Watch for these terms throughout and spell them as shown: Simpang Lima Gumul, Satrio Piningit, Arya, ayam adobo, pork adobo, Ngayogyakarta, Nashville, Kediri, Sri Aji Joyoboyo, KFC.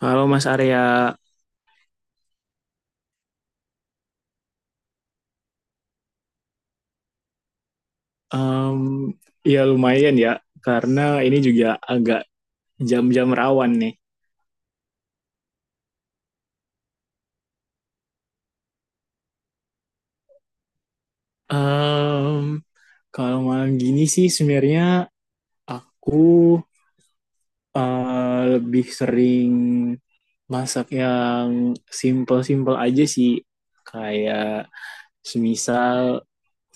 Halo Mas Arya, Em, ya lumayan ya, karena ini juga agak jam-jam rawan nih. Em, Kalau malam gini sih sebenarnya aku lebih sering masak yang simple-simple aja sih, kayak semisal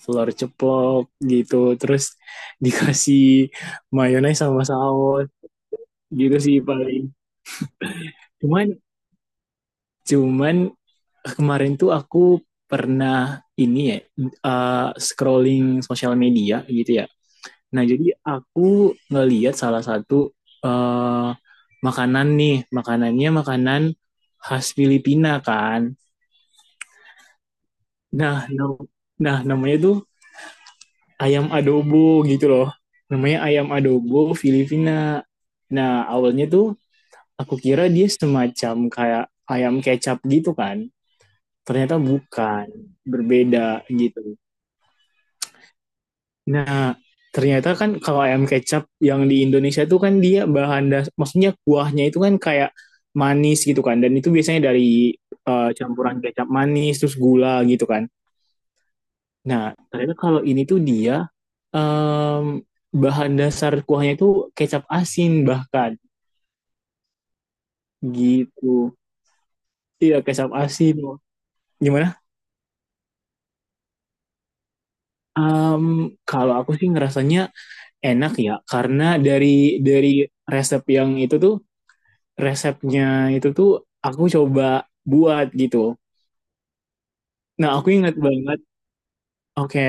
telur ceplok gitu, terus dikasih mayones sama saus gitu sih paling. Cuman Cuman kemarin tuh aku pernah ini ya scrolling sosial media gitu ya. Nah jadi aku ngelihat salah satu uh, makanan nih, makanannya makanan khas Filipina kan. Nah, no, nah namanya tuh ayam adobo gitu loh. Namanya ayam adobo Filipina. Nah awalnya tuh aku kira dia semacam kayak ayam kecap gitu kan. Ternyata bukan, berbeda gitu. Nah ternyata kan kalau ayam kecap yang di Indonesia itu kan dia bahan dasar, maksudnya kuahnya itu kan kayak manis gitu kan dan itu biasanya dari campuran kecap manis terus gula gitu kan. Nah ternyata kalau ini tuh dia um, bahan dasar kuahnya itu kecap asin bahkan gitu. Iya kecap asin. Gimana um, kalau aku sih ngerasanya enak ya karena dari resep yang itu tuh, resepnya itu tuh aku coba buat gitu. Nah, aku ingat banget. Oke.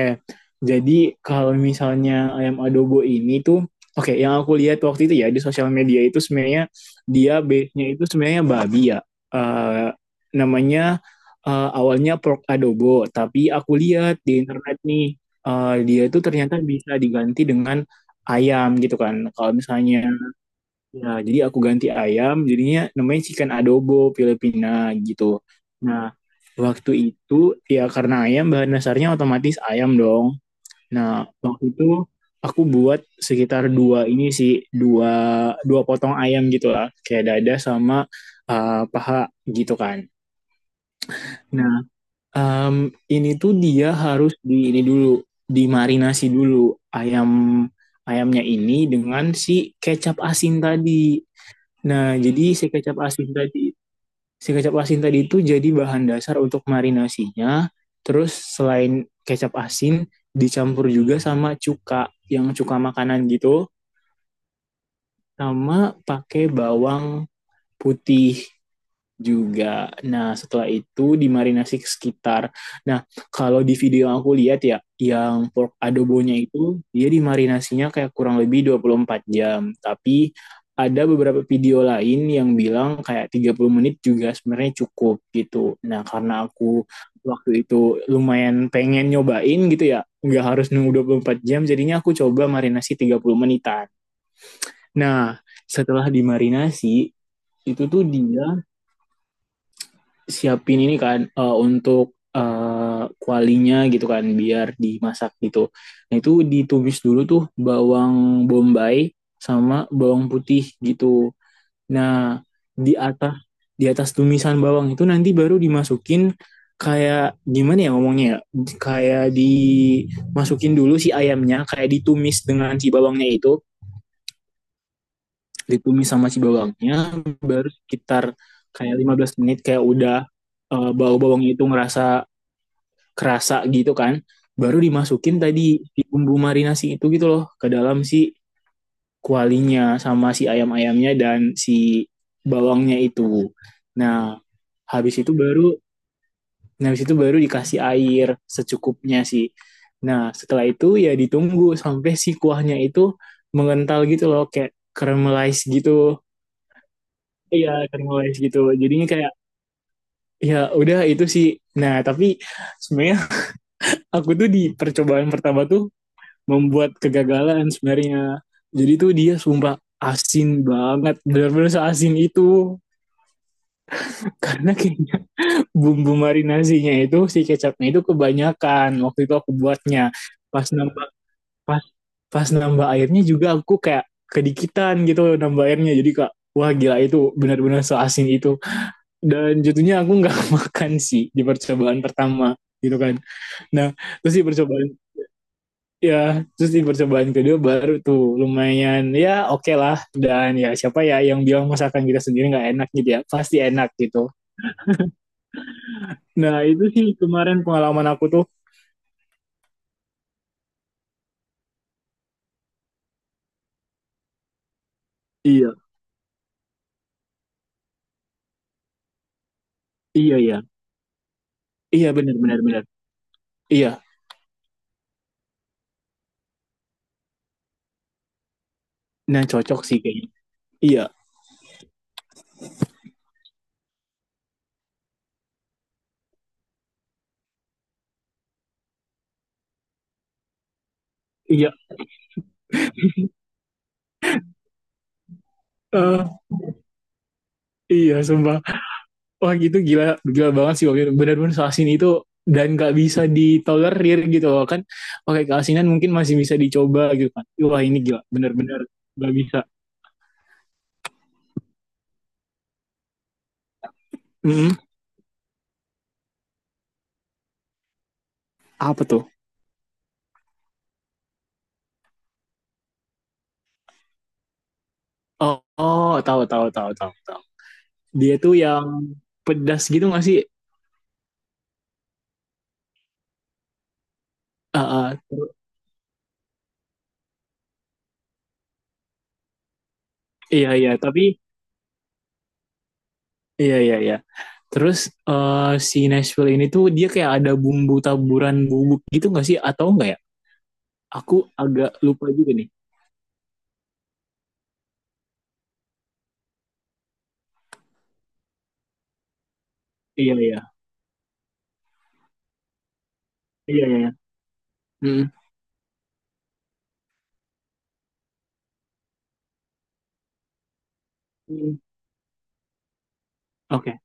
Jadi kalau misalnya ayam adobo ini tuh oke, yang aku lihat waktu itu ya di sosial media itu sebenarnya dia base-nya itu sebenarnya babi ya. Eh, Namanya awalnya pork adobo, tapi aku lihat di internet nih dia itu ternyata bisa diganti dengan ayam gitu kan. Kalau misalnya, nah, jadi aku ganti ayam, jadinya namanya chicken adobo Filipina gitu. Nah, waktu itu ya karena ayam bahan dasarnya otomatis ayam dong. Nah, waktu itu aku buat sekitar dua ini sih, dua dua potong ayam gitu lah, kayak dada sama paha gitu kan. Nah, um, ini tuh dia harus di ini dulu, dimarinasi dulu ayam ayamnya ini dengan si kecap asin tadi. Nah, jadi si kecap asin tadi itu jadi bahan dasar untuk marinasinya. Terus selain kecap asin, dicampur juga sama cuka, yang cuka makanan gitu, sama pakai bawang putih juga. Nah, setelah itu dimarinasi sekitar. Nah, kalau di video yang aku lihat ya, yang pork adobonya itu, dia dimarinasinya kayak kurang lebih 24 jam. Tapi ada beberapa video lain yang bilang kayak 30 menit juga sebenarnya cukup gitu. Nah, karena aku waktu itu lumayan pengen nyobain gitu ya, nggak harus nunggu 24 jam, jadinya aku coba marinasi 30 menitan. Nah, setelah dimarinasi, itu tuh dia siapin ini kan untuk kualinya gitu kan biar dimasak gitu. Nah itu ditumis dulu tuh bawang bombay sama bawang putih gitu. Nah di atas di atas tumisan bawang itu nanti baru dimasukin, kayak gimana ya ngomongnya ya? Kayak dimasukin dulu si ayamnya kayak ditumis dengan si bawangnya itu, ditumis sama si bawangnya, baru sekitar kayak 15 menit kayak udah bau bawang itu ngerasa kerasa gitu kan, baru dimasukin tadi di bumbu marinasi itu gitu loh ke dalam si kualinya sama si ayam-ayamnya dan si bawangnya itu. Nah habis itu baru, nah habis itu baru dikasih air secukupnya sih. Nah setelah itu ya ditunggu sampai si kuahnya itu mengental gitu loh kayak caramelize gitu. Iya caramelize gitu jadinya kayak ya udah itu sih. Nah tapi sebenarnya aku tuh di percobaan pertama tuh membuat kegagalan sebenarnya. Jadi tuh dia sumpah asin banget, benar-benar seasin itu. Karena kayaknya bumbu marinasinya itu si kecapnya itu kebanyakan. Waktu itu aku buatnya. Pas nambah pas pas nambah airnya juga aku kayak kedikitan gitu nambah airnya. Jadi kak, wah gila itu benar-benar seasin itu dan jatuhnya aku nggak makan sih di percobaan pertama gitu kan. Nah terus di percobaan Ya, terus di percobaan kedua baru tuh lumayan ya oke okay lah. Dan ya siapa ya yang bilang masakan kita sendiri nggak enak gitu ya? Pasti enak gitu. Nah itu sih kemarin pengalaman aku tuh. Iya, iya, iya. Iya benar benar benar. Iya, nah cocok sih kayaknya. Iya, iya. Eh, iya sumpah. Wah gitu gila, gila banget sih waktu itu. Benar-benar asin itu dan nggak bisa ditolerir gitu loh kan. Oke keasinan mungkin masih bisa dicoba gitu kan. Wah ini gila, benar-benar nggak bisa. Mm-mm. Apa tuh? Oh, oh, tahu tahu tahu tahu tahu. Dia tuh yang pedas gitu nggak sih? Ah, ah, iya iya, tapi iya iya iya. Terus eh, si Nashville ini tuh dia kayak ada bumbu taburan bubuk gitu nggak sih? Atau enggak ya? Aku agak lupa juga nih. Iya iya iya iya. Mm-mm. Mm. Oke.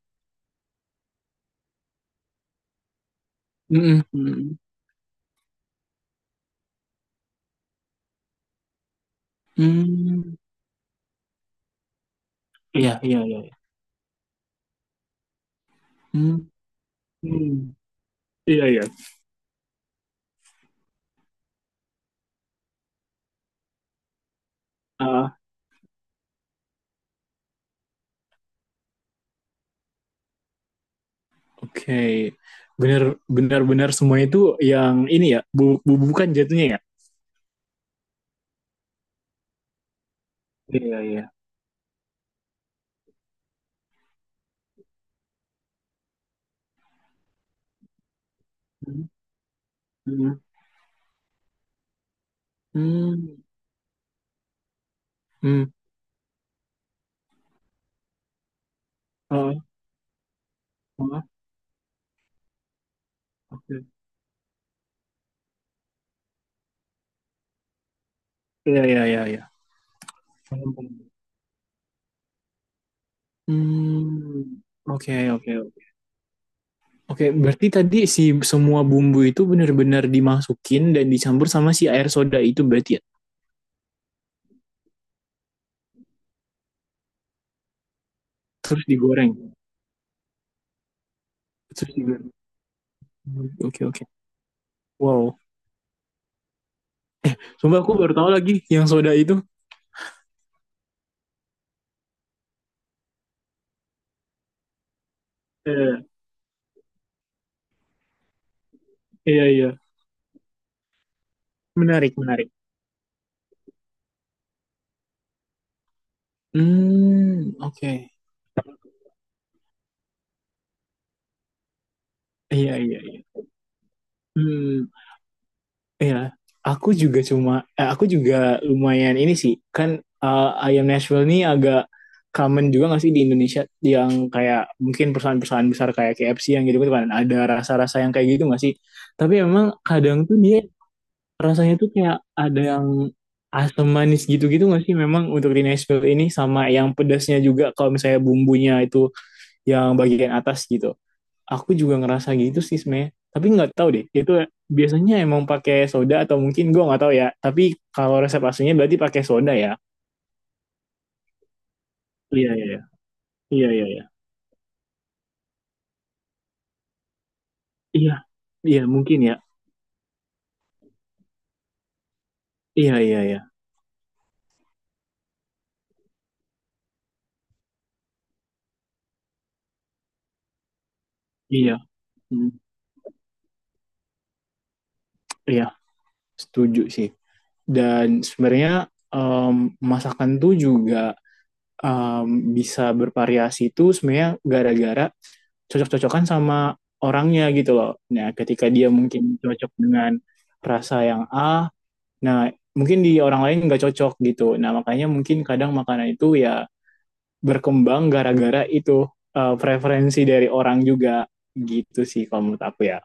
Mm-mm. Mm-mm. Mm. Mm. Iya iya iya. Iya. Mm. Mm. Iya iya. Ah, oke, bener benar-benar semua itu yang ini ya, bubuk-bubukan jatuhnya ya. Iya, iya. Hmm, hmm, hmm, hmm. Oh, oh, oke. Iya, iya, iya, iya. Paham, paham. Hmm, oke, oke, oke. Oke, berarti tadi si semua bumbu itu benar-benar dimasukin dan dicampur sama si air soda itu berarti ya? Terus digoreng. Terus digoreng. Hmm, oke, oke. Wow. Sumpah aku baru tahu lagi yang soda itu. Eh, iya, iya. Menarik, menarik. Hmm, oke. Iya, iya, iya. Hmm. Iya, aku juga cuma, aku juga lumayan ini sih, kan ayam Nashville ini agak common juga nggak sih di Indonesia, yang kayak mungkin perusahaan-perusahaan besar kayak KFC yang gitu kan ada rasa-rasa yang kayak gitu nggak sih? Tapi emang kadang tuh dia rasanya tuh kayak ada yang asam manis gitu-gitu nggak sih? Memang untuk di Nashville ini sama yang pedasnya juga kalau misalnya bumbunya itu yang bagian atas gitu aku juga ngerasa gitu sih sebenarnya tapi nggak tahu deh itu biasanya emang pakai soda atau mungkin gue nggak tahu ya tapi kalau resep aslinya berarti pakai soda ya iya iya iya iya iya iya iya iya, mungkin ya iya iya iya iya. Hmm, iya setuju sih dan sebenarnya em, masakan tuh juga bisa bervariasi tuh sebenarnya gara-gara cocok-cocokan sama orangnya gitu loh. Nah, ketika dia mungkin cocok dengan rasa yang A, nah, mungkin di orang lain nggak cocok gitu. Nah, makanya mungkin kadang makanan itu ya berkembang gara-gara itu, preferensi dari orang juga gitu sih kalau menurut aku ya.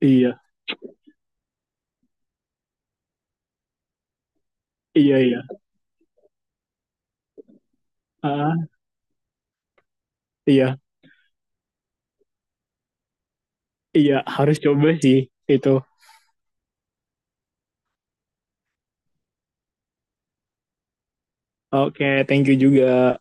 Iya, iya, iya. Ah, iya, iya harus coba sih itu. Oke, thank you juga.